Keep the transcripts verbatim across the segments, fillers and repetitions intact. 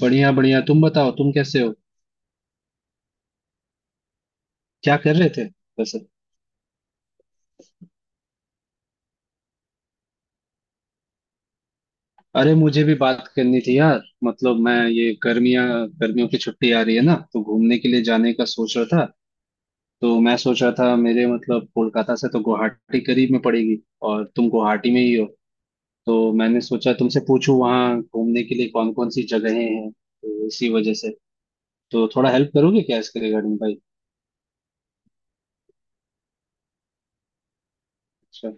बढ़िया बढ़िया, तुम बताओ, तुम कैसे हो। क्या कर रहे थे वैसे। अरे, मुझे भी बात करनी थी यार। मतलब मैं ये गर्मियां गर्मियों की छुट्टी आ रही है ना, तो घूमने के लिए जाने का सोच रहा था। तो मैं सोच रहा था मेरे मतलब कोलकाता से तो गुवाहाटी करीब में पड़ेगी, और तुम गुवाहाटी में ही हो। तो मैंने सोचा तुमसे पूछूं, वहाँ घूमने के लिए कौन कौन सी जगहें हैं, तो इसी वजह से तो थोड़ा हेल्प करोगे क्या इसके रिगार्डिंग भाई। अच्छा।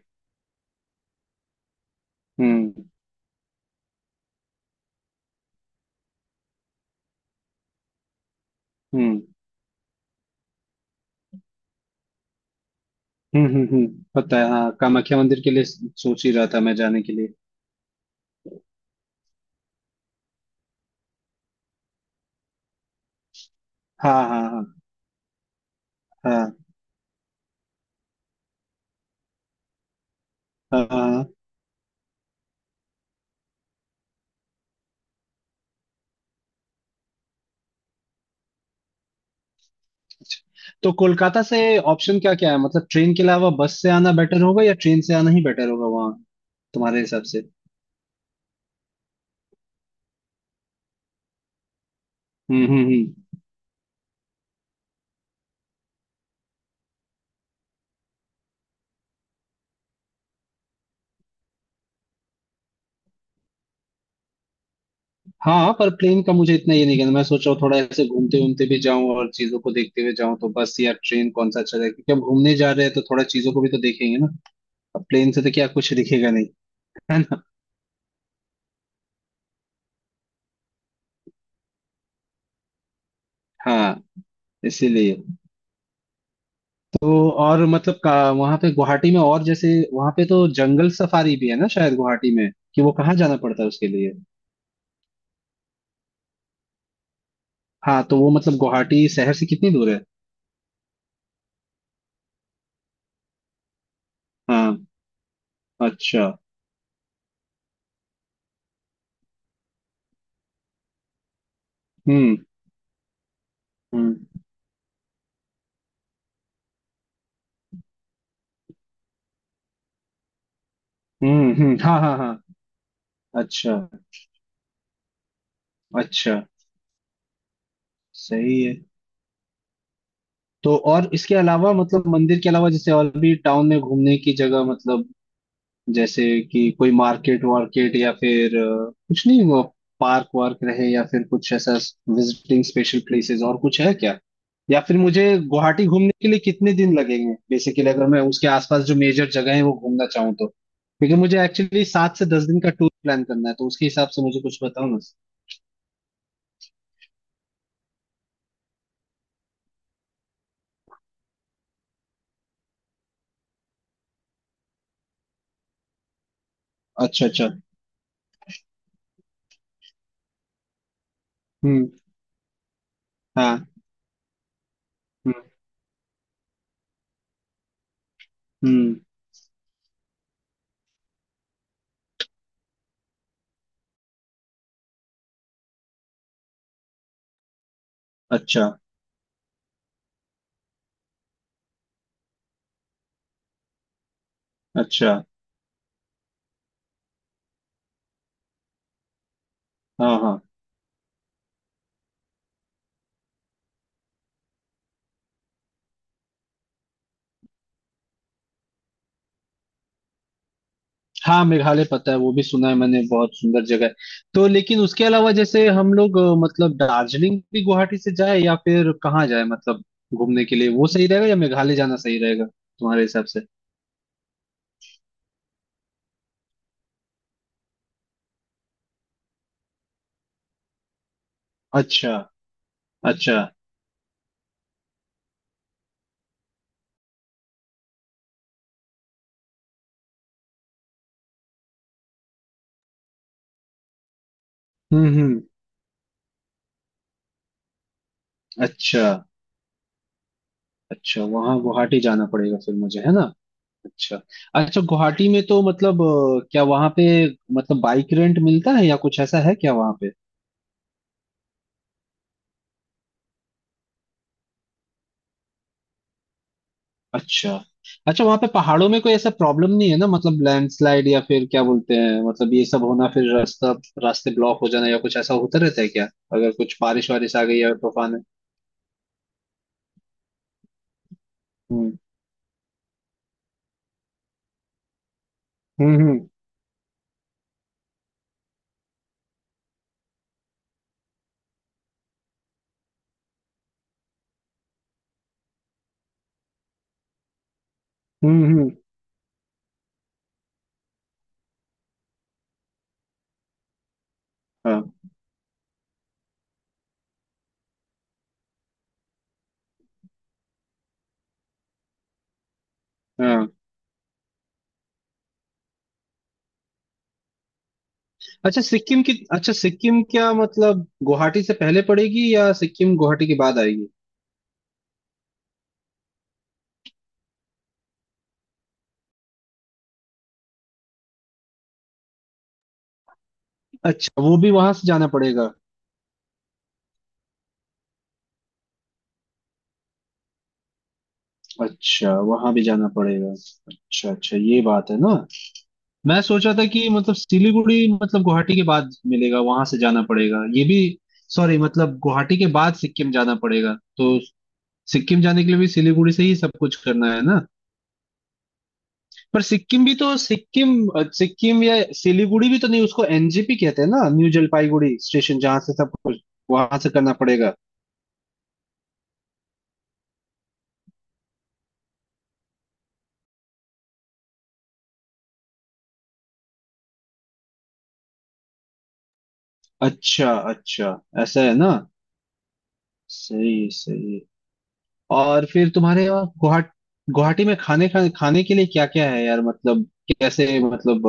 हम्म। हम्म हम्म हम्म हम्म, पता है, हाँ कामाख्या मंदिर के लिए सोच ही रहा था मैं जाने के लिए। हाँ हाँ। हाँ। हाँ हाँ। अच्छा। तो कोलकाता से ऑप्शन क्या क्या है, मतलब ट्रेन के अलावा बस से आना बेटर होगा या ट्रेन से आना ही बेटर होगा वहाँ, तुम्हारे हिसाब से। हम्म हम्म हम्म। हाँ पर प्लेन का मुझे इतना ये नहीं, कहना मैं सोच रहा हूँ थोड़ा ऐसे घूमते घूमते भी जाऊं और चीजों को देखते हुए जाऊं, तो बस या ट्रेन कौन सा अच्छा रहेगा, क्योंकि हम घूमने जा रहे हैं तो थोड़ा चीजों को भी तो देखेंगे ना। अब प्लेन से तो क्या कुछ दिखेगा नहीं, है ना। हाँ, इसीलिए। तो और मतलब का वहां पे गुवाहाटी में, और जैसे वहां पे तो जंगल सफारी भी है ना शायद गुवाहाटी में, कि वो कहाँ जाना पड़ता है उसके लिए। हाँ, तो वो मतलब गुवाहाटी शहर से कितनी दूर है। हाँ। अच्छा। हम्म हम्म हम्म हम्म, हाँ हाँ हाँ। अच्छा अच्छा, सही है। तो और इसके अलावा मतलब मंदिर के अलावा जैसे और भी टाउन में घूमने की जगह, मतलब जैसे कि कोई मार्केट वार्केट या फिर अ, कुछ नहीं वो पार्क वार्क रहे या फिर कुछ ऐसा विजिटिंग स्पेशल प्लेसेस और कुछ है क्या। या फिर मुझे गुवाहाटी घूमने के लिए कितने दिन लगेंगे बेसिकली, अगर मैं उसके आसपास जो मेजर जगह है वो घूमना चाहूँ तो, क्योंकि मुझे एक्चुअली सात से दस दिन का टूर प्लान करना है, तो उसके हिसाब से मुझे कुछ बताओ ना। अच्छा अच्छा। हम्म। हाँ। हम्म हम्म। अच्छा अच्छा। हाँ हाँ हाँ, मेघालय पता है, वो भी सुना है मैंने, बहुत सुंदर जगह है। तो लेकिन उसके अलावा जैसे हम लोग अ, मतलब दार्जिलिंग भी गुवाहाटी से जाए या फिर कहाँ जाए, मतलब घूमने के लिए वो सही रहेगा या मेघालय जाना सही रहेगा, तुम्हारे हिसाब से। अच्छा। अच्छा। हम्म हम्म। अच्छा। अच्छा, वहाँ गुवाहाटी जाना पड़ेगा फिर मुझे, है ना। अच्छा। अच्छा, गुवाहाटी में तो मतलब अ, क्या वहाँ पे मतलब बाइक रेंट मिलता है या कुछ ऐसा है क्या वहाँ पे। अच्छा। अच्छा, वहां पे पहाड़ों में कोई ऐसा प्रॉब्लम नहीं है ना, मतलब लैंडस्लाइड या फिर क्या बोलते हैं, मतलब ये सब होना, फिर रास्ता रास्ते ब्लॉक हो जाना या कुछ ऐसा होता रहता है क्या, अगर कुछ बारिश वारिश आ गई या तूफान है। हम्म। हम्म हम्म हम्म हम्म, हाँ हाँ। अच्छा सिक्किम की, अच्छा सिक्किम क्या मतलब गुवाहाटी से पहले पड़ेगी या सिक्किम गुवाहाटी के बाद आएगी। अच्छा, वो भी वहां से जाना पड़ेगा। अच्छा, वहां भी जाना पड़ेगा। अच्छा अच्छा, ये बात है ना। मैं सोचा था कि मतलब सिलीगुड़ी मतलब गुवाहाटी के बाद मिलेगा, वहां से जाना पड़ेगा ये भी। सॉरी, मतलब गुवाहाटी के बाद सिक्किम जाना पड़ेगा तो। सिक्किम जाने के लिए भी सिलीगुड़ी से ही सब कुछ करना है ना। पर सिक्किम भी तो सिक्किम अ, सिक्किम या सिलीगुड़ी भी तो नहीं उसको एनजेपी कहते हैं ना, न्यू जलपाईगुड़ी स्टेशन, जहां से सब कुछ वहां से करना पड़ेगा। अच्छा अच्छा, ऐसा है ना। सही सही। और फिर तुम्हारे यहाँ गुवाहाटी गुवाहाटी में खाने खाने खाने के लिए क्या क्या है यार, मतलब कैसे, मतलब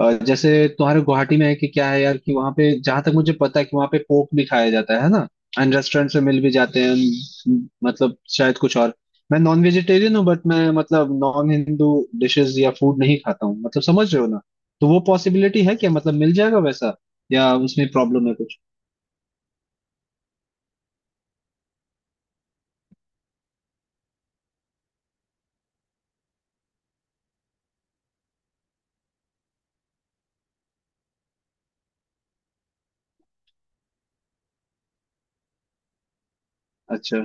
अ, जैसे तुम्हारे गुवाहाटी में है कि क्या है यार, कि वहां पे जहां तक मुझे पता है कि वहां पे पोक भी खाया जाता है ना, एंड रेस्टोरेंट से मिल भी जाते हैं and मतलब शायद कुछ और। मैं नॉन वेजिटेरियन हूँ बट मैं मतलब नॉन हिंदू डिशेस या फूड नहीं खाता हूँ, मतलब समझ रहे हो ना। तो वो पॉसिबिलिटी है क्या, मतलब मिल जाएगा वैसा या उसमें प्रॉब्लम है कुछ। अच्छा।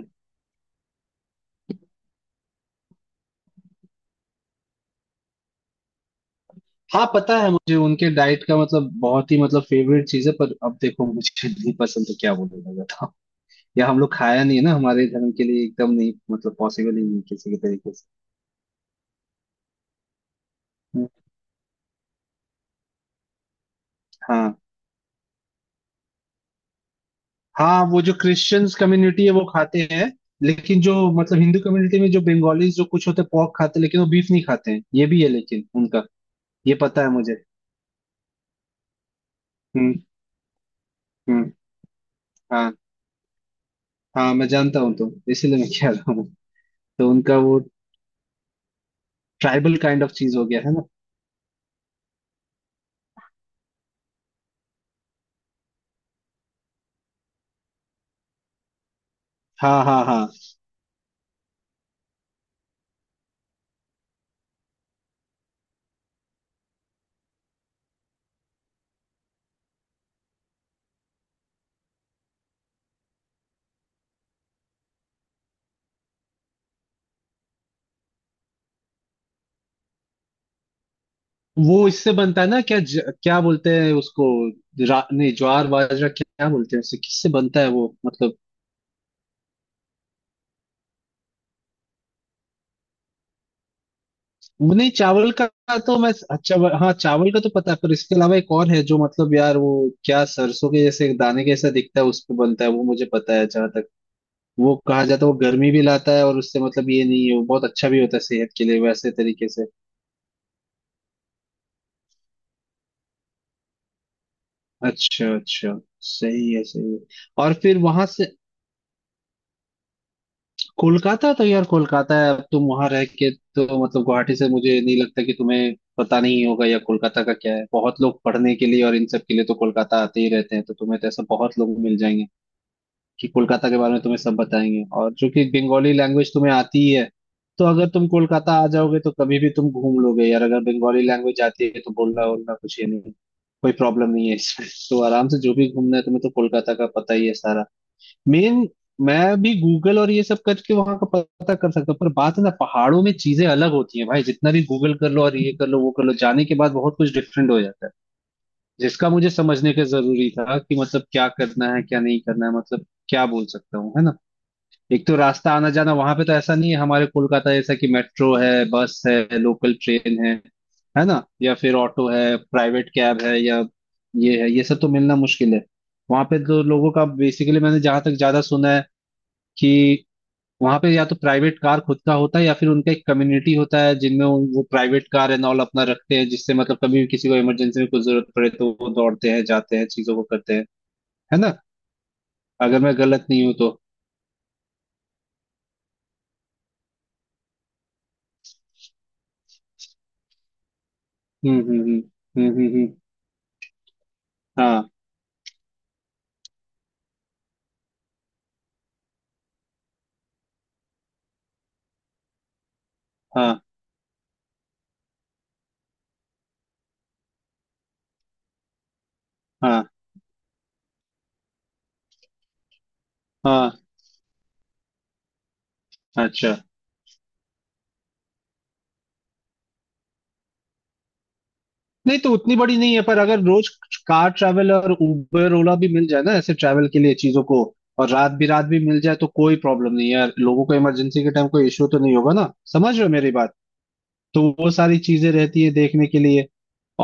हाँ पता है मुझे उनके डाइट का, मतलब बहुत ही मतलब फेवरेट चीज है, पर अब देखो मुझे नहीं पसंद तो क्या बोलूंगा। या हम लोग खाया नहीं है ना, हमारे धर्म के लिए एकदम नहीं, मतलब पॉसिबल ही नहीं किसी के तरीके से। हम्म, हाँ हाँ। वो जो क्रिश्चियंस कम्युनिटी है वो खाते हैं, लेकिन जो मतलब हिंदू कम्युनिटी में जो बंगालीज जो कुछ होते हैं पोर्क खाते हैं, लेकिन वो बीफ नहीं खाते हैं, ये भी है, लेकिन उनका ये पता है मुझे। हम्म हम्म। हाँ, हाँ मैं जानता हूँ, तो इसीलिए मैं कह रहा हूँ। तो उनका वो ट्राइबल काइंड ऑफ चीज हो गया है ना। हाँ हाँ हाँ। वो इससे बनता है ना, क्या ज, क्या बोलते हैं उसको, रा, नहीं ज्वार बाजरा क्या बोलते हैं, उससे किससे बनता है वो, मतलब। नहीं, चावल का। तो मैं अच्छा ब- हाँ, चावल का तो पता है, पर इसके अलावा एक और है जो मतलब यार वो क्या सरसों के जैसे दाने के जैसा दिखता है उस पे बनता है वो, मुझे पता है जहां तक। वो कहा जाता है वो गर्मी भी लाता है, और उससे मतलब ये नहीं है, वो बहुत अच्छा भी होता है सेहत के लिए वैसे तरीके से। अच्छा अच्छा, सही है सही है। और फिर वहां से कोलकाता, तो यार कोलकाता है, अब तुम वहां रह के तो मतलब गुवाहाटी से, मुझे नहीं लगता कि तुम्हें पता नहीं होगा या कोलकाता का क्या है, बहुत लोग पढ़ने के लिए और इन सब के लिए तो कोलकाता आते ही रहते हैं, तो तुम्हें तो ऐसा बहुत लोग मिल जाएंगे कि कोलकाता के बारे में तुम्हें सब बताएंगे, और चूंकि बंगाली लैंग्वेज तुम्हें आती ही है, तो अगर तुम कोलकाता आ जाओगे तो कभी भी तुम घूम लोगे यार, अगर बंगाली लैंग्वेज आती है तो बोलना बोलना कुछ ये नहीं, कोई प्रॉब्लम नहीं है इसमें, तो आराम से जो भी घूमना है, तुम्हें तो कोलकाता का पता ही है सारा मेन। मैं भी गूगल और ये सब करके वहां का पता कर सकता हूँ, पर बात है ना पहाड़ों में चीजें अलग होती हैं भाई, जितना भी गूगल कर लो और ये कर लो वो कर लो, जाने के बाद बहुत कुछ डिफरेंट हो जाता है, जिसका मुझे समझने का जरूरी था कि मतलब क्या करना है क्या नहीं करना है, मतलब क्या बोल सकता हूँ, है ना। एक तो रास्ता आना जाना वहां पे, तो ऐसा नहीं है हमारे कोलकाता जैसा कि मेट्रो है, बस है, लोकल ट्रेन है है ना, या फिर ऑटो है, प्राइवेट कैब है, या ये है, ये सब तो मिलना मुश्किल है वहां पे, तो लोगों का बेसिकली मैंने जहां तक ज्यादा सुना है कि वहां पे या तो प्राइवेट कार खुद का होता है, या फिर उनका एक कम्युनिटी होता है जिनमें उन- वो प्राइवेट कार एंड ऑल अपना रखते हैं, जिससे मतलब कभी भी किसी को इमरजेंसी में कुछ जरूरत पड़े तो वो दौड़ते हैं जाते हैं चीजों को करते हैं, है ना, अगर मैं गलत नहीं हूँ तो। हम्म हम्म हम्म हम्म हम्म हम्म, हाँ हाँ हाँ हाँ। अच्छा, नहीं तो उतनी बड़ी नहीं है, पर अगर रोज कार ट्रैवल और उबर ओला भी मिल जाए ना ऐसे ट्रैवल के लिए चीजों को, और रात भी रात भी मिल जाए, तो कोई प्रॉब्लम नहीं है यार, लोगों को इमरजेंसी के टाइम कोई इश्यू तो नहीं होगा ना, समझ रहे हो मेरी बात। तो वो सारी चीजें रहती है देखने के लिए,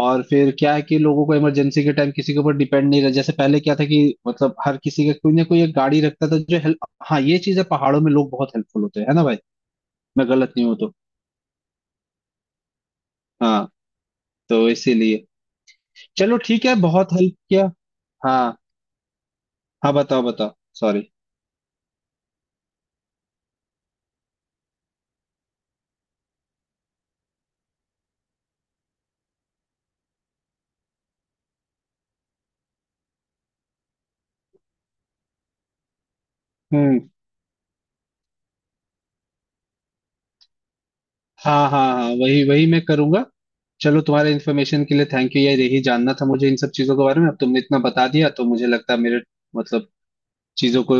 और फिर क्या है कि लोगों को इमरजेंसी के टाइम किसी के ऊपर डिपेंड नहीं रह, जैसे पहले क्या था कि मतलब हर किसी का कोई ना कोई एक गाड़ी रखता था जो हेल्प, हाँ ये चीज है पहाड़ों में लोग बहुत हेल्पफुल होते हैं, है ना भाई, मैं गलत नहीं हूँ तो। हाँ, तो इसीलिए चलो ठीक है, बहुत हेल्प किया। हाँ, हाँ बताओ बताओ। सॉरी। हम्म। हाँ हाँ हाँ, वही वही मैं करूंगा। चलो तुम्हारे इन्फॉर्मेशन के लिए थैंक यू यार, यही जानना था मुझे इन सब चीजों के बारे में, अब तुमने इतना बता दिया तो मुझे लगता है मेरे मतलब चीजों को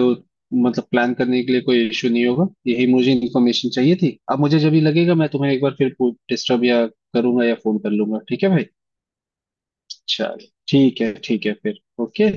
मतलब प्लान करने के लिए कोई इश्यू नहीं होगा, यही मुझे इन्फॉर्मेशन चाहिए थी। अब मुझे जब भी लगेगा मैं तुम्हें एक बार फिर डिस्टर्ब या करूंगा या फोन कर लूंगा, ठीक है भाई। चलो ठीक है, ठीक है फिर, ओके।